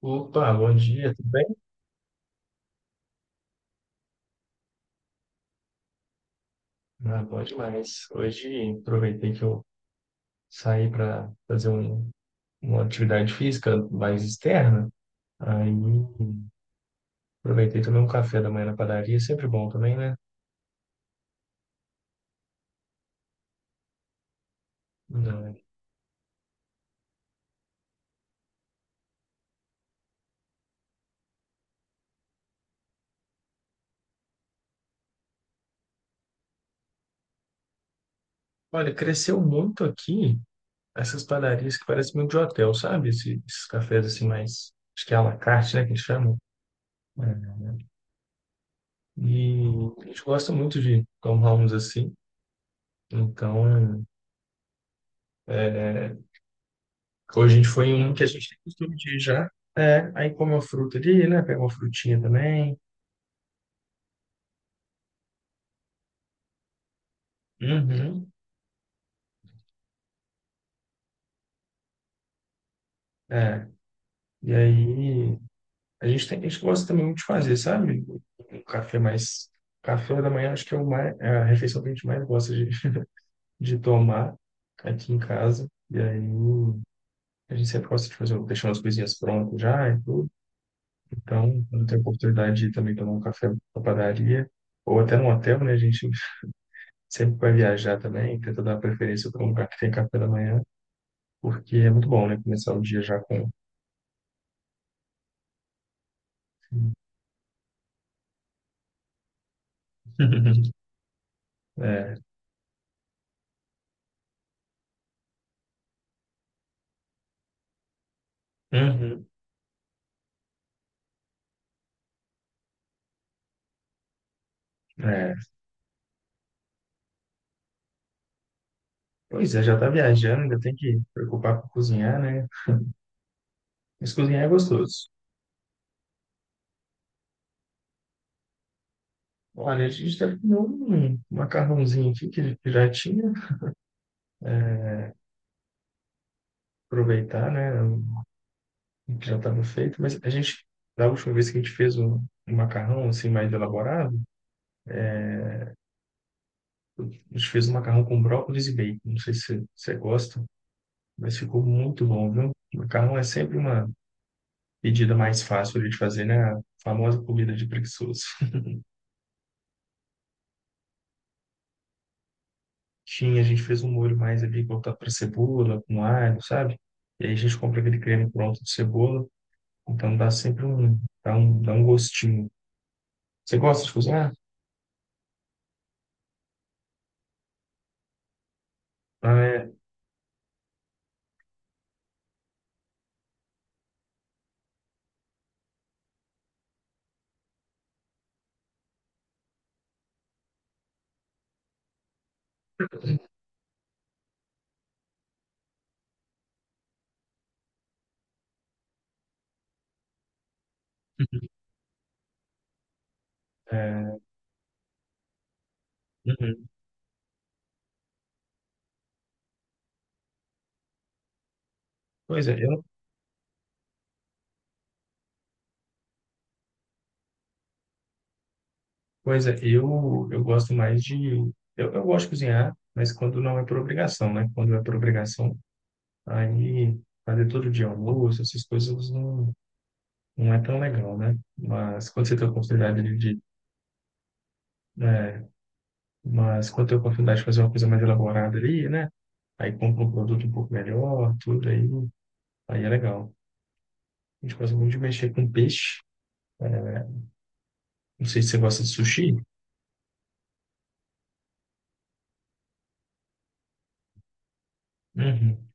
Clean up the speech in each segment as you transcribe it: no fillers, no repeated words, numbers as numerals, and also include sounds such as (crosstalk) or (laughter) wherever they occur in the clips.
Opa, bom dia, tudo bem? Ah, bom demais. Hoje aproveitei que eu saí para fazer uma atividade física mais externa. Aí aproveitei também um café da manhã na padaria, sempre bom também, né? Não. né? Olha, cresceu muito aqui essas padarias que parecem muito de hotel, sabe? Esses, cafés assim mais, acho que é à la carte, né, que eles chamam. É. E a gente gosta muito de tomar uns assim. Então, é, Hoje a gente foi em um que a gente tem costume de ir já. É, aí come uma fruta ali, né? Pega uma frutinha também. Uhum. É. E aí a gente gosta também muito de fazer, sabe? Um café mais. Café da manhã acho que é, o mais, é a refeição que a gente mais gosta de tomar aqui em casa. E aí a gente sempre gosta de fazer, deixar umas coisinhas prontas já e tudo. Então, quando tem a oportunidade de ir também tomar um café na padaria, ou até num hotel, né? A gente sempre que vai viajar também, tenta dar preferência para um lugar que tem café da manhã, porque é muito bom, né? Começar o dia já com. (laughs) É. Uhum. É. Pois é, já está viajando, ainda tem que preocupar com cozinhar, né? Mas cozinhar é gostoso. Olha, a gente está com um macarrãozinho aqui que já tinha, aproveitar, né? o Que já estava feito, mas da última vez que a gente fez um macarrão assim mais elaborado, a gente fez um macarrão com brócolis e bacon. Não sei se você gosta. Mas ficou muito bom, viu? Macarrão é sempre uma pedida mais fácil ali de fazer, né? A famosa comida de preguiçoso. (laughs) Tinha, a gente fez um molho mais ali voltado para cebola, com alho, sabe? E aí a gente compra aquele creme pronto de cebola, então dá sempre um, dá um, dá um gostinho. Você gosta de cozinhar? Ah, é. É, Uhum. Pois é, eu, pois é, eu gosto mais de. Eu gosto de cozinhar, mas quando não é por obrigação, né? Quando é por obrigação, Aí, fazer todo dia almoço, essas coisas não, não é tão legal, né? Mas quando você tem a oportunidade né? Mas quando tem a oportunidade de fazer uma coisa mais elaborada ali, né? Aí compra um produto um pouco melhor, tudo aí, aí é legal. A gente gosta muito de mexer com peixe. Não sei se você gosta de sushi. Uhum.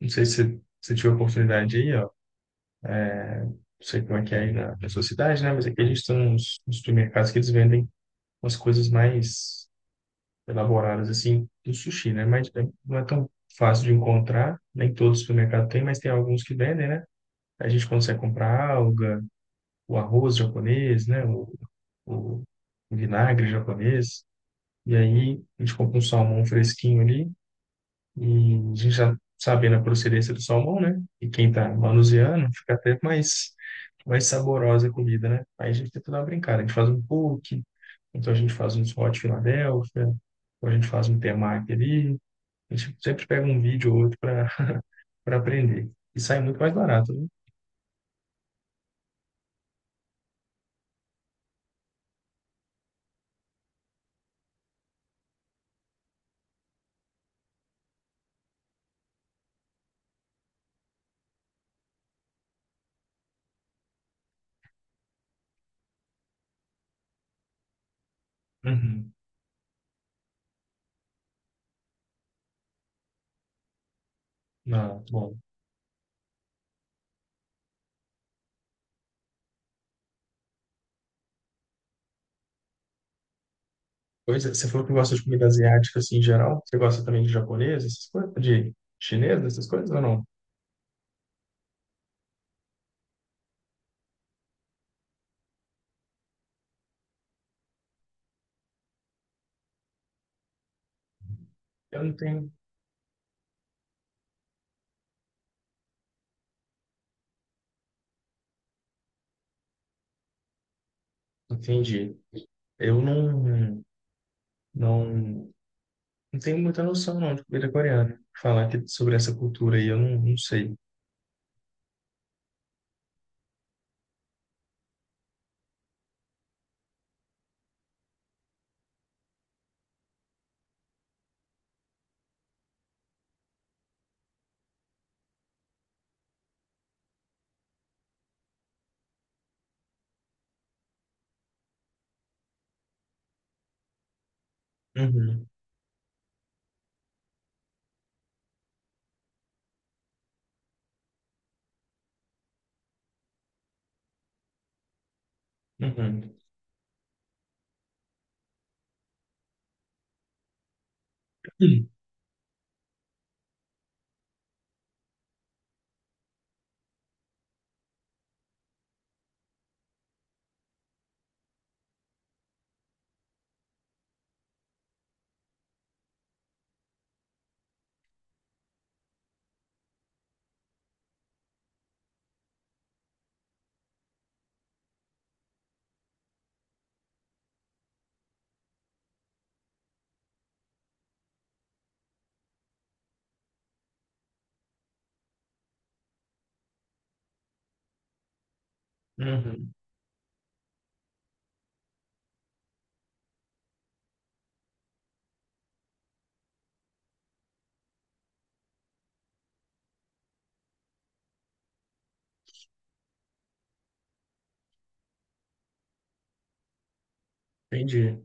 Não sei se você se tiver oportunidade aí, ó. Não sei como é que é aí na sua cidade, né? Mas aqui a gente tem uns supermercados que eles vendem umas coisas mais elaboradas assim do sushi, né? Não é tão fácil de encontrar, nem todo supermercado tem, mas tem alguns que vendem, né? A gente consegue comprar alga, o arroz japonês, né? O vinagre japonês. E aí a gente compra um salmão fresquinho ali e a gente já sabendo a procedência do salmão, né? E quem tá manuseando fica até mais saborosa a comida, né? Aí a gente tenta dar uma brincada. A gente faz um poke, então a gente faz uns hot Philadelphia, ou a gente faz um temaki ali, a gente sempre pega um vídeo ou outro para aprender. E sai muito mais barato, né? Uhum. Não, bom. Pois é, você falou que gosta de comida asiática assim em geral. Você gosta também de japonesa essas coisas, de chinesa essas coisas ou não? Eu não tenho, entendi. Eu não, não, não tenho muita noção não de comida coreana. Falar sobre essa cultura aí, eu não, não sei. Uhum, uhum, Hum. uhum, entendi.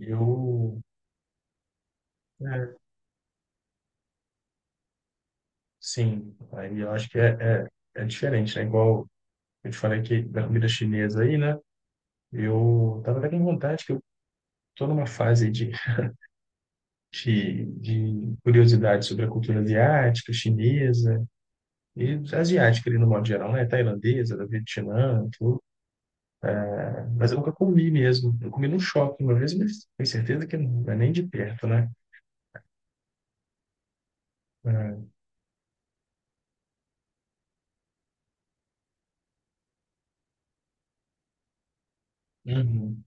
Eu, é, sim. Aí eu acho que é, é diferente, né? Igual Eu te falei que da comida chinesa aí, né? Eu tava até com vontade, que eu tô numa fase de curiosidade sobre a cultura asiática, chinesa, e asiática ali no modo geral, né? Tailandesa, da Vietnã, tudo. Mas eu nunca comi mesmo. Eu comi num shopping uma vez, mas tenho certeza que não é nem de perto, né? É. Uhum,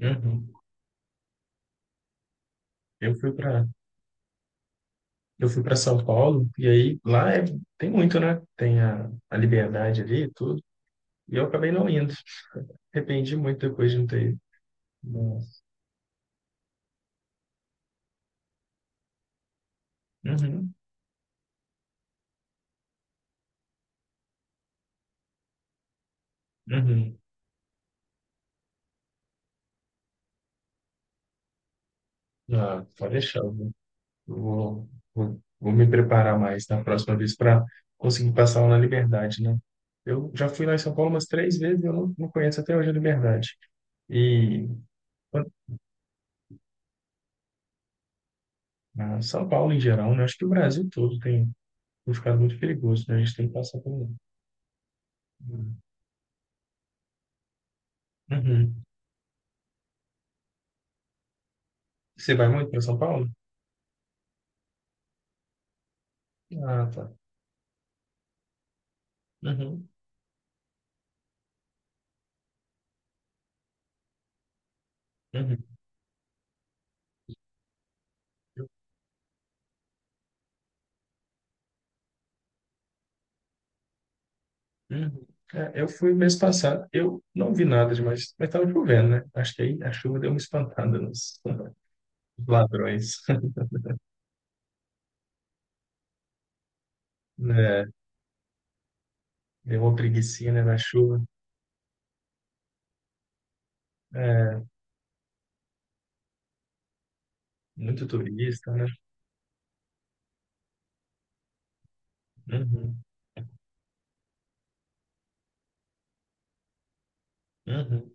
uhum. Eu fui para eu fui para São Paulo, e aí lá é, tem muito, né? Tem a liberdade ali e tudo. E eu acabei não indo. Arrependi muito depois de não ter ido. Nossa. Uhum, uhum. Ah, pode deixar. Vou, vou me preparar mais na próxima vez para conseguir passar lá na Liberdade, né? Eu já fui lá em São Paulo umas três vezes, e eu não, não conheço até hoje a Liberdade. E ah, São Paulo em geral, né? Acho que o Brasil todo tem ficado muito perigoso, né? A gente tem que passar por. Uhum. Você vai muito para São Paulo? Ah, tá. Uhum, uhum. Uhum. É, eu fui mês passado, eu não vi nada demais, mas estava chovendo, né? Acho que aí a chuva deu uma espantada nos (laughs) ladrões, né? Deu uma preguicinha, né, na chuva. É, muito turista, né? Uhum, uhum.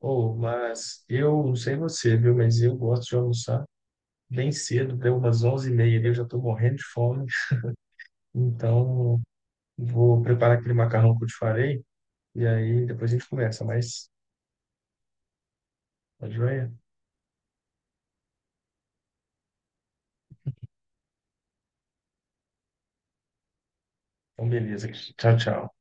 Oh, mas eu não sei você, viu? Mas eu gosto de almoçar bem cedo, deu umas 11:30, ali, eu já estou morrendo de fome. Então, vou preparar aquele macarrão que eu te falei, e aí depois a gente conversa, mas tá joia? Então, beleza. Tchau, tchau.